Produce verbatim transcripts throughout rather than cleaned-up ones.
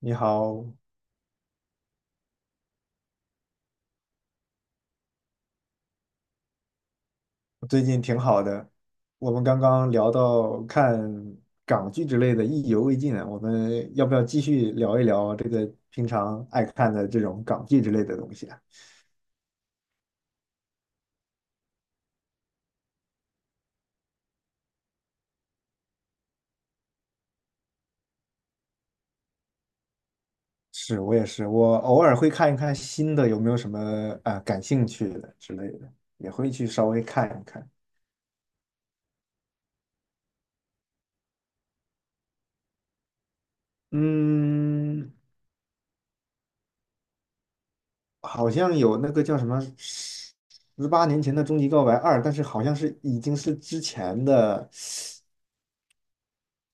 你好，我最近挺好的。我们刚刚聊到看港剧之类的，意犹未尽啊。我们要不要继续聊一聊这个平常爱看的这种港剧之类的东西啊？是，我也是，我偶尔会看一看新的，有没有什么啊、感兴趣的之类的，也会去稍微看一看。嗯，好像有那个叫什么《十八年前的终极告白二》，但是好像是已经是之前的。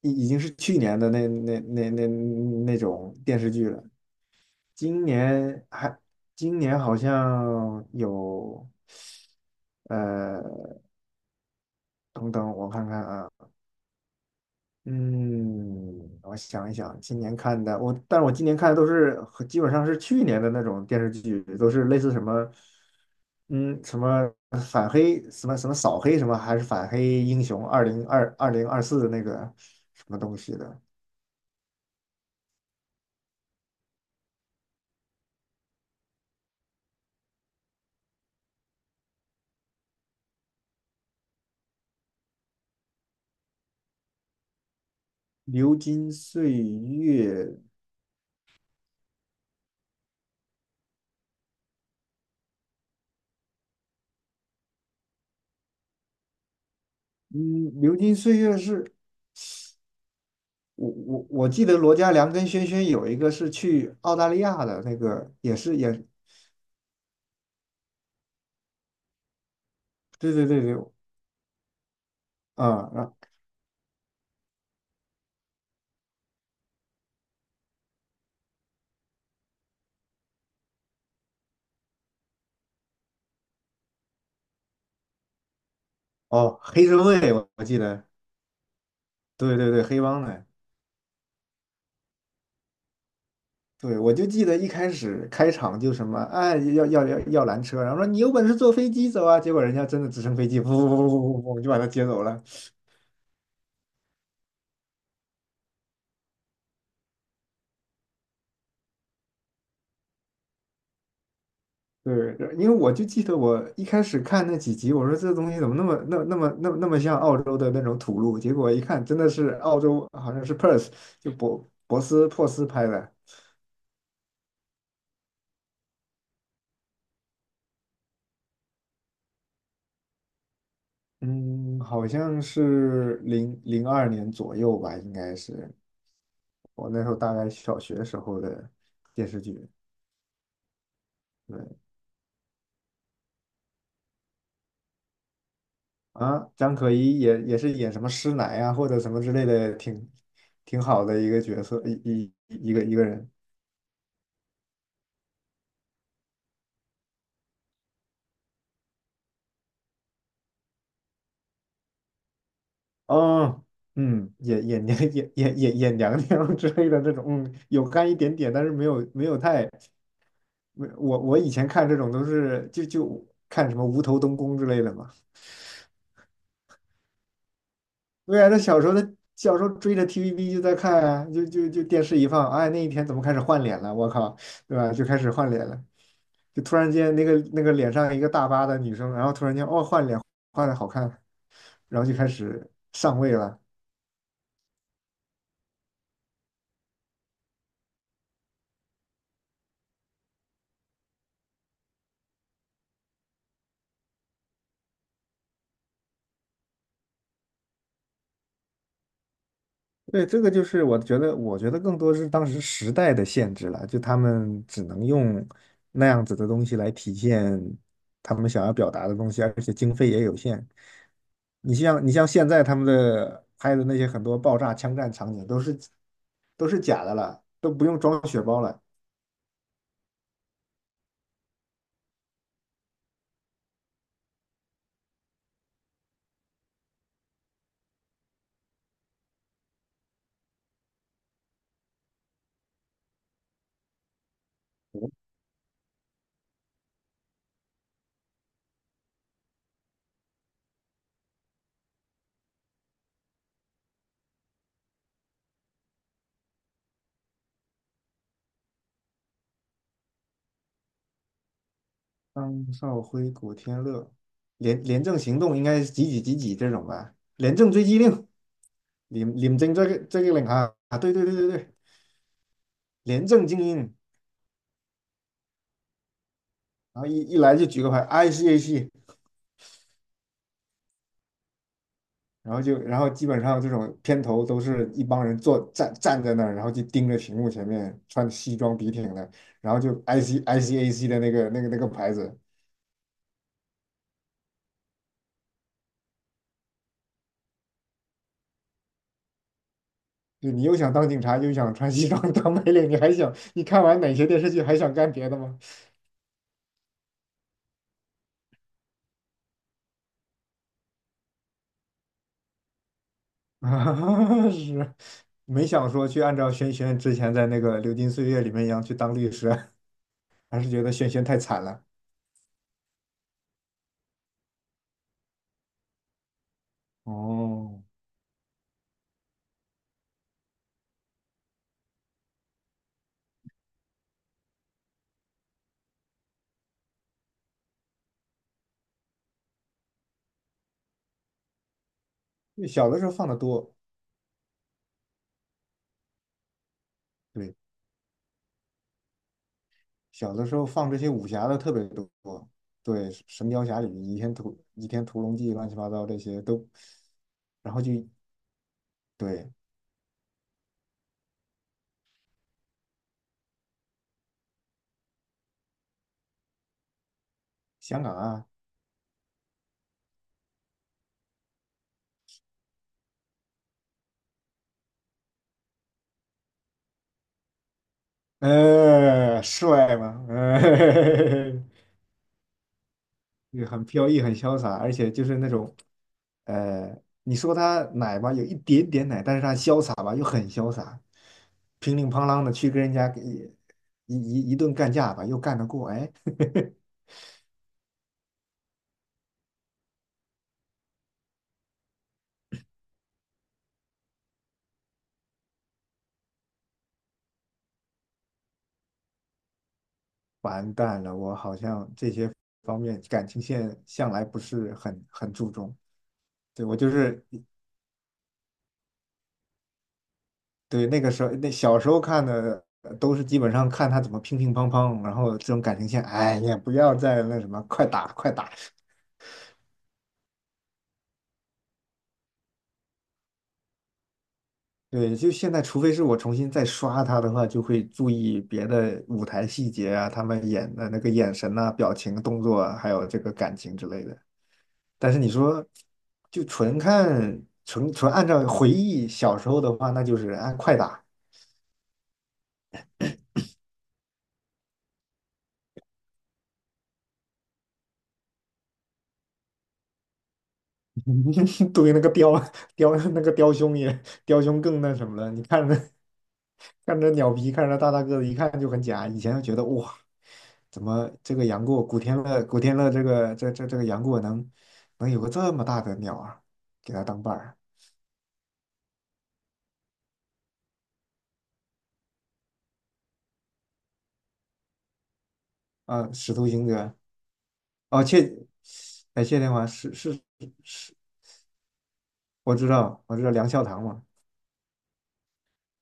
已已经是去年的那那那那那种电视剧了。今年还，今年好像有，呃，等等，我看看啊，嗯，我想一想，今年看的我，但是我今年看的都是和基本上是去年的那种电视剧，都是类似什么，嗯，什么反黑，什么什么扫黑，什么还是反黑英雄二零二二零二四的那个什么东西的。流金岁月。嗯，流金岁月是我我我记得罗嘉良跟轩轩有一个是去澳大利亚的那个，也是也，对对对对，啊、然哦，黑社会我我记得。对对对，黑帮的。对，我就记得一开始开场就什么，哎，要要要要拦车，然后说你有本事坐飞机走啊，结果人家真的直升飞机噗噗噗噗噗噗就把他接走了。对，因为我就记得我一开始看那几集，我说这东西怎么那么那那么那么那么像澳洲的那种土路，结果一看真的是澳洲，好像是 Perth，就博博斯珀斯拍的。嗯，好像是零零二年左右吧，应该是我那时候大概小学时候的电视剧。对啊，张可颐也也是演什么师奶啊，或者什么之类的，挺挺好的一个角色，一一一个一个人。哦，嗯，眼眼娘眼眼眼眼娘娘 之类的这种，嗯，有干一点点，但是没有没有太，没我我以前看这种都是就就看什么无头东宫之类的嘛。对啊，那小时候的小时候追着 T V B 就在看啊，就就就电视一放，哎，那一天怎么开始换脸了？我靠，对吧？就开始换脸了，就突然间那个那个脸上一个大疤的女生，然后突然间，哦，换脸换的好看，然后就开始上位了。对，这个就是我觉得，我觉得，更多是当时时代的限制了，就他们只能用那样子的东西来体现他们想要表达的东西，而且经费也有限。你像你像现在他们的拍的那些很多爆炸、枪战场景都是都是假的了，都不用装血包了。张少辉、古天乐，廉廉政行动应该是几几几几这种吧？廉政追缉令，廉廉政这个这个令啊啊，对对对对对，廉政精英。然后一一来就举个牌，i C A C，然后就然后基本上这种片头都是一帮人坐站站在那儿，然后就盯着屏幕前面，穿西装笔挺的，然后就 I C I C A C 的那个那个那个牌子，就你又想当警察，又想穿西装 当白领，你还想你看完哪些电视剧还想干别的吗？啊，是，没想说去按照轩轩之前在那个《流金岁月》里面一样去当律师，还是觉得轩轩太惨了。哦，小的时候放的多，对。小的时候放这些武侠的特别多，对，《神雕侠侣》、《倚天屠倚天屠龙记》乱七八糟这些都，然后就，对，香港啊，呃，帅嘛，呃，也很飘逸，很潇洒，而且就是那种，呃，你说他奶吧，有一点点奶，但是他潇洒吧，又很潇洒，乒铃乓啷的去跟人家一一一一顿干架吧，又干得过，哎，完蛋了，我好像这些方面感情线向来不是很很注重。对，我就是对那个时候，那小时候看的呃都是基本上看他怎么乒乒乓乓，然后这种感情线，哎呀，不要再那什么，快打快打。对，就现在，除非是我重新再刷他的话，就会注意别的舞台细节啊，他们演的那个眼神呐、表情、动作啊还有这个感情之类的。但是你说，就纯看纯纯按照回忆小时候的话，那就是按快打。对，那个雕雕那个雕兄也雕兄更那什么了。你看，那看着鸟皮，看着大大个子，一看就很假。以前就觉得哇，怎么这个杨过古天乐古天乐这个这这这个杨过能能有个这么大的鸟啊，给他当伴儿啊？使徒行者。哦，谢哎，谢天华是是是，我知道我知道梁孝堂嘛。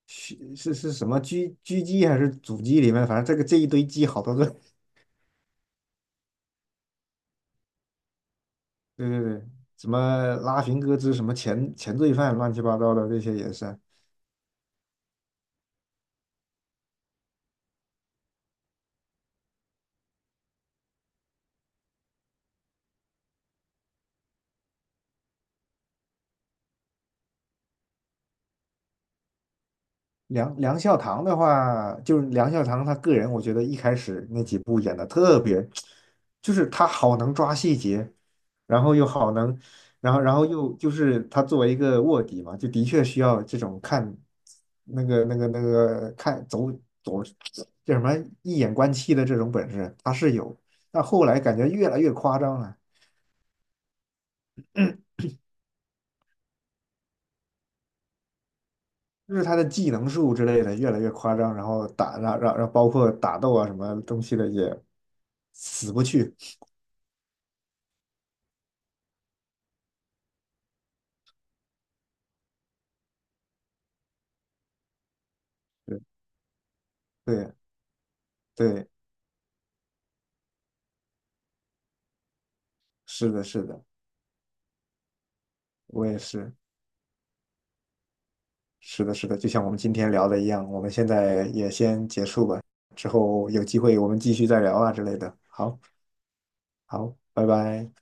是是是什么狙狙击还是阻击里面，反正这个这一堆鸡好多个，对对对，什么拉平哥之什么前前罪犯乱七八糟的这些也是。梁梁孝堂的话，就是梁孝堂他个人，我觉得一开始那几部演的特别，就是他好能抓细节，然后又好能，然后然后又就是他作为一个卧底嘛，就的确需要这种看那个那个那个看走走。叫什么一眼观七的这种本事，他是有，但后来感觉越来越夸张了，就是他的技能树之类的越来越夸张，然后打让让让包括打斗啊什么东西的也死不去。对对对，是的，是的，我也是，是的，是的，就像我们今天聊的一样，我们现在也先结束吧，之后有机会我们继续再聊啊之类的。好，好，拜拜。